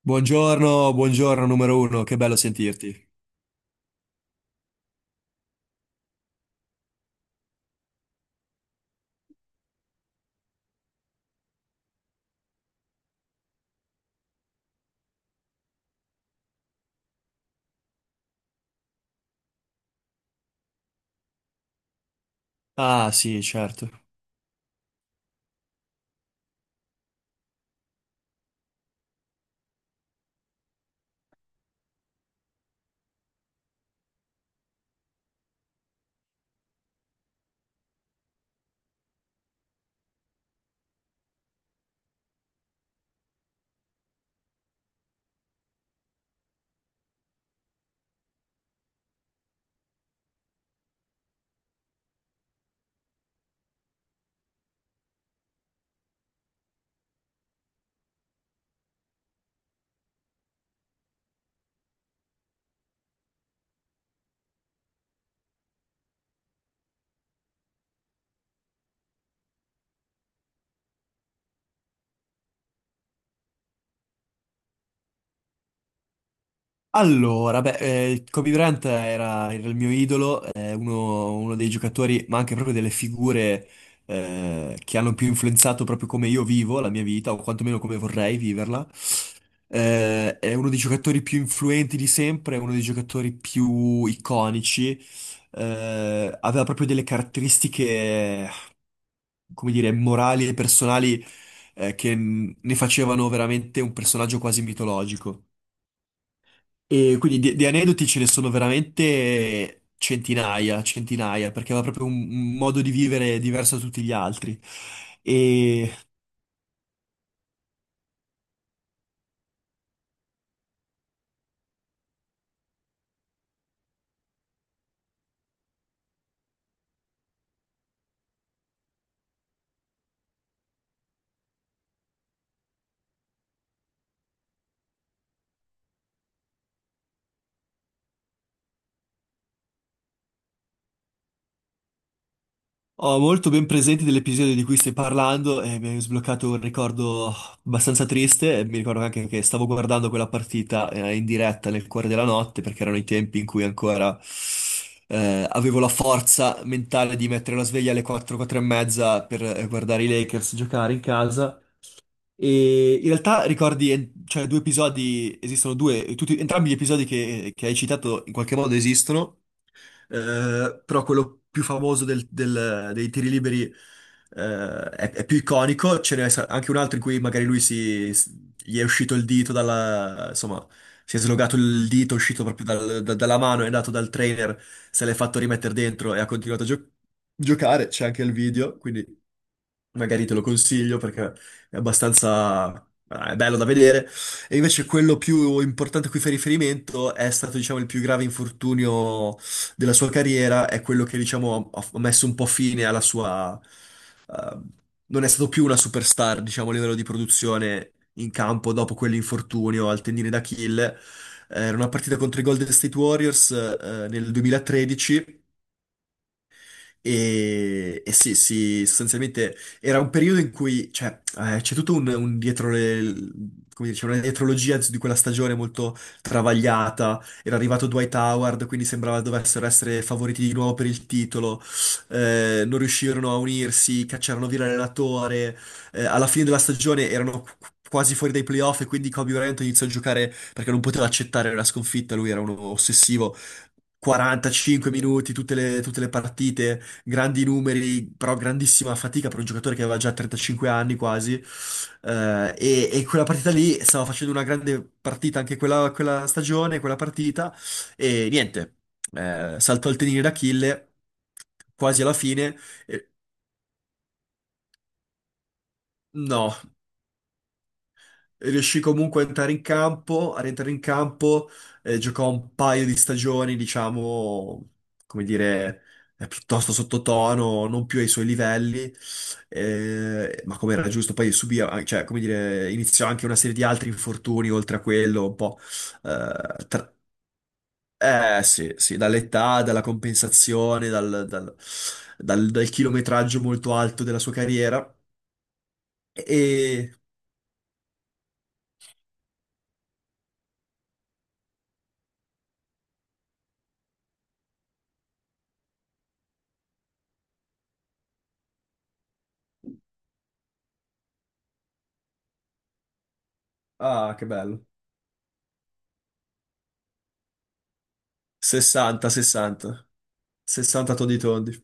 Buongiorno, buongiorno numero uno, che bello sentirti. Ah sì, certo. Allora, beh, Kobe Bryant era il mio idolo, è uno, uno dei giocatori, ma anche proprio delle figure che hanno più influenzato proprio come io vivo la mia vita, o quantomeno come vorrei viverla. È uno dei giocatori più influenti di sempre, è uno dei giocatori più iconici. Aveva proprio delle caratteristiche come dire, morali e personali, ne facevano veramente un personaggio quasi mitologico. E quindi di aneddoti ce ne sono veramente centinaia, centinaia, perché aveva proprio un modo di vivere diverso da tutti gli altri. Ho molto ben presente dell'episodio di cui stai parlando e mi hai sbloccato un ricordo abbastanza triste. Mi ricordo anche che stavo guardando quella partita in diretta nel cuore della notte, perché erano i tempi in cui ancora avevo la forza mentale di mettere la sveglia alle 4, 4 e mezza per guardare i Lakers giocare in casa. E in realtà ricordi, cioè, due episodi, esistono due, tutti, entrambi gli episodi che hai citato in qualche modo esistono, però quello più famoso dei tiri liberi, è più iconico, anche un altro in cui magari lui gli è uscito il dito dalla, insomma, si è slogato il dito, è uscito proprio dalla mano, è andato dal trainer, se l'è fatto rimettere dentro e ha continuato a giocare, c'è anche il video, quindi magari te lo consiglio perché è abbastanza è bello da vedere. E invece quello più importante a cui fa riferimento è stato, diciamo, il più grave infortunio della sua carriera, è quello che, diciamo, ha messo un po' fine alla sua... eh, non è stato più una superstar, diciamo, a livello di produzione in campo dopo quell'infortunio al tendine d'Achille. Era una partita contro i Golden State Warriors, nel 2013, e sì, sì, sostanzialmente era un periodo in cui cioè, c'è tutto un dietro le, come dice, una dietrologia di quella stagione molto travagliata. Era arrivato Dwight Howard, quindi sembrava dovessero essere favoriti di nuovo per il titolo. Non riuscirono a unirsi, cacciarono via il relatore. Alla fine della stagione erano quasi fuori dai playoff e quindi Kobe Bryant iniziò a giocare perché non poteva accettare la sconfitta. Lui era uno ossessivo. 45 minuti, tutte le partite, grandi numeri, però grandissima fatica per un giocatore che aveva già 35 anni quasi. E quella partita lì stava facendo una grande partita anche quella, quella stagione, quella partita, e niente, saltò il tenine d'Achille quasi alla fine. e- no, riuscì comunque a entrare in campo, a rientrare in campo, giocò un paio di stagioni, diciamo, come dire, piuttosto sottotono, non più ai suoi livelli, ma come era giusto, poi subì, cioè, come dire, iniziò anche una serie di altri infortuni oltre a quello, un po', eh, tra- sì, sì, dall'età, dalla compensazione, dal chilometraggio molto alto della sua carriera, e... Ah, che bello. 60, 60. 60 toddy toddy.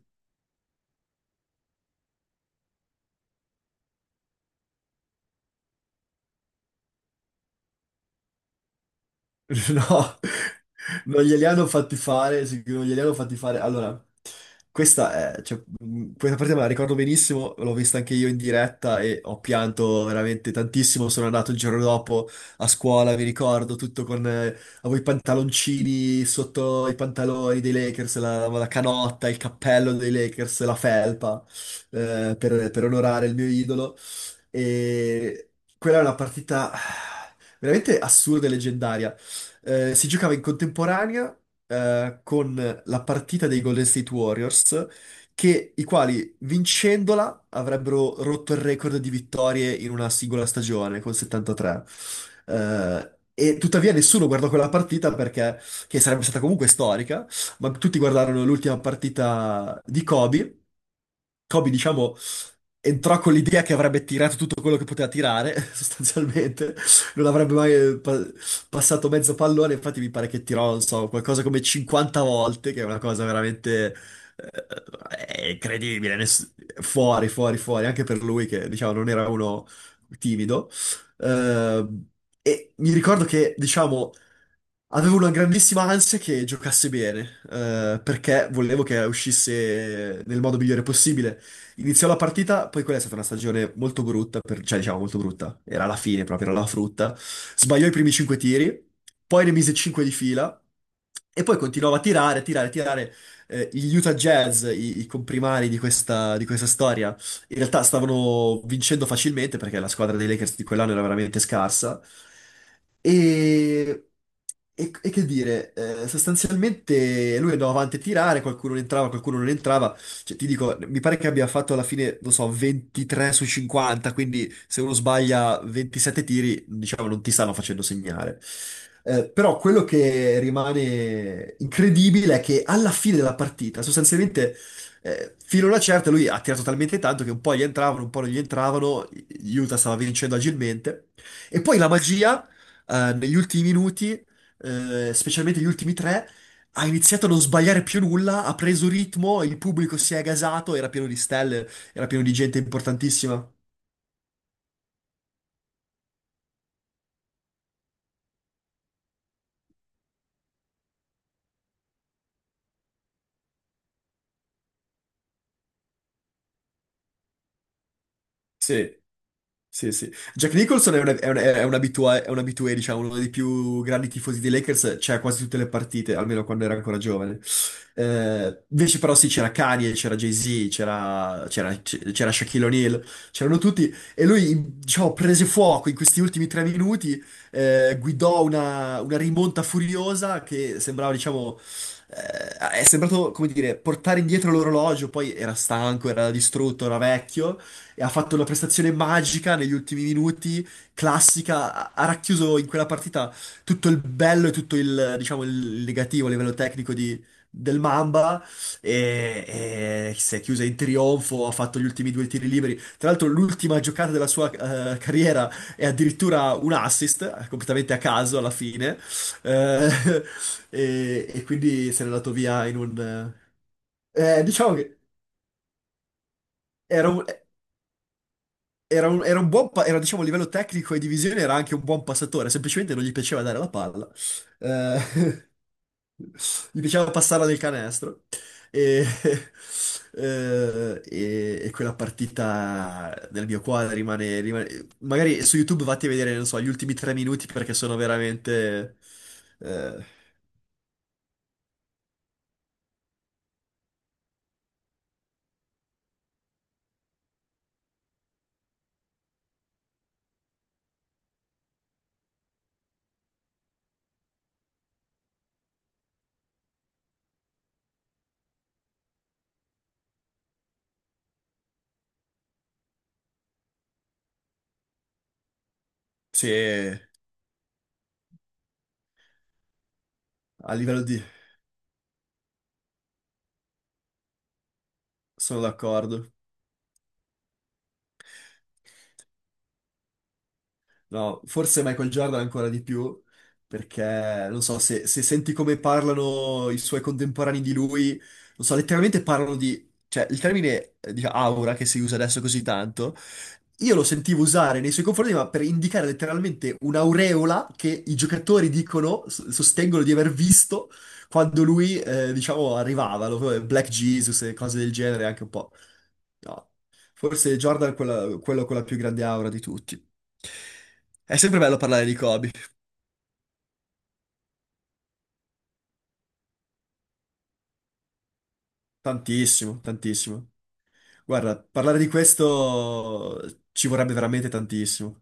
No, non glieli hanno fatti fare, sicuro, non glieli hanno fatti fare. Allora, questa, è, cioè, questa parte me la ricordo benissimo, l'ho vista anche io in diretta e ho pianto veramente tantissimo. Sono andato il giorno dopo a scuola, mi ricordo, tutto con... avevo i pantaloncini sotto i pantaloni dei Lakers, la canotta, il cappello dei Lakers, la felpa, per onorare il mio idolo. E quella è una partita veramente assurda e leggendaria. Si giocava in contemporanea con la partita dei Golden State Warriors, che, i quali vincendola avrebbero rotto il record di vittorie in una singola stagione con 73. Eh, e tuttavia nessuno guardò quella partita perché che sarebbe stata comunque storica, ma tutti guardarono l'ultima partita di Kobe. Kobe, diciamo, entrò con l'idea che avrebbe tirato tutto quello che poteva tirare, sostanzialmente, non avrebbe mai passato mezzo pallone, infatti mi pare che tirò, non so, qualcosa come 50 volte, che è una cosa veramente eh, è incredibile, fuori, fuori, fuori, anche per lui che, diciamo, non era uno timido. Eh, e mi ricordo che, diciamo, avevo una grandissima ansia che giocasse bene, perché volevo che uscisse nel modo migliore possibile. Iniziò la partita, poi quella è stata una stagione molto brutta, cioè diciamo molto brutta, era la fine proprio, era la frutta. Sbagliò i primi 5 tiri, poi ne mise 5 di fila e poi continuava a tirare, a tirare, a tirare. Gli Utah Jazz, i comprimari di questa storia, in realtà stavano vincendo facilmente perché la squadra dei Lakers di quell'anno era veramente scarsa. E, e che dire, sostanzialmente lui andava avanti a tirare, qualcuno entrava, qualcuno non entrava. Cioè, ti dico, mi pare che abbia fatto alla fine, non so, 23 su 50, quindi se uno sbaglia 27 tiri, diciamo, non ti stanno facendo segnare. Però quello che rimane incredibile è che alla fine della partita, sostanzialmente, fino a una certa, lui ha tirato talmente tanto che un po' gli entravano, un po' non gli entravano, Utah stava vincendo agilmente. E poi la magia, negli ultimi minuti, specialmente gli ultimi tre, ha iniziato a non sbagliare più nulla, ha preso ritmo, il pubblico si è gasato, era pieno di stelle, era pieno di gente importantissima. Sì. Sì, sì. Jack Nicholson è un, è un abitué, diciamo, uno dei più grandi tifosi dei Lakers, c'era quasi tutte le partite, almeno quando era ancora giovane. Invece però sì, c'era Kanye, c'era Jay-Z, c'era Shaquille O'Neal, c'erano tutti, e lui, diciamo, prese fuoco in questi ultimi tre minuti, guidò una rimonta furiosa che sembrava, diciamo, è sembrato, come dire, portare indietro l'orologio, poi era stanco, era distrutto, era vecchio, e ha fatto una prestazione magica negli ultimi minuti, classica, ha racchiuso in quella partita tutto il bello e tutto il, diciamo, il negativo a livello tecnico del Mamba e, e si è chiusa in trionfo, ha fatto gli ultimi due tiri liberi. Tra l'altro l'ultima giocata della sua carriera è addirittura un assist, completamente a caso alla fine. Eh, e, e quindi se n'è andato via in un... diciamo che era un... Era un, era un buon, era, diciamo, a livello tecnico e di visione era anche un buon passatore, semplicemente non gli piaceva dare la palla. Eh, Gli piaceva passarla nel canestro e, e quella partita nel mio quadro rimane, rimane- Magari su YouTube vatti a vedere, non so, gli ultimi tre minuti perché sono veramente... eh, sì, a livello di... sono d'accordo. No, forse Michael Jordan ancora di più, perché non so, se, se senti come parlano i suoi contemporanei di lui, non so, letteralmente parlano di... Cioè, il termine, diciamo, aura, che si usa adesso così tanto, io lo sentivo usare nei suoi confronti, ma per indicare letteralmente un'aureola che i giocatori dicono, sostengono di aver visto quando lui, diciamo, arrivava, lo- Black Jesus e cose del genere, anche un po'. No. Forse Jordan è quello con la più grande aura di tutti. È sempre bello parlare di Kobe. Tantissimo, tantissimo. Guarda, parlare di questo ci vorrebbe veramente tantissimo.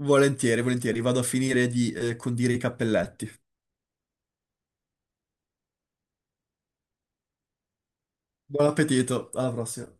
Volentieri, volentieri. Vado a finire di condire i cappelletti. Buon appetito, alla prossima.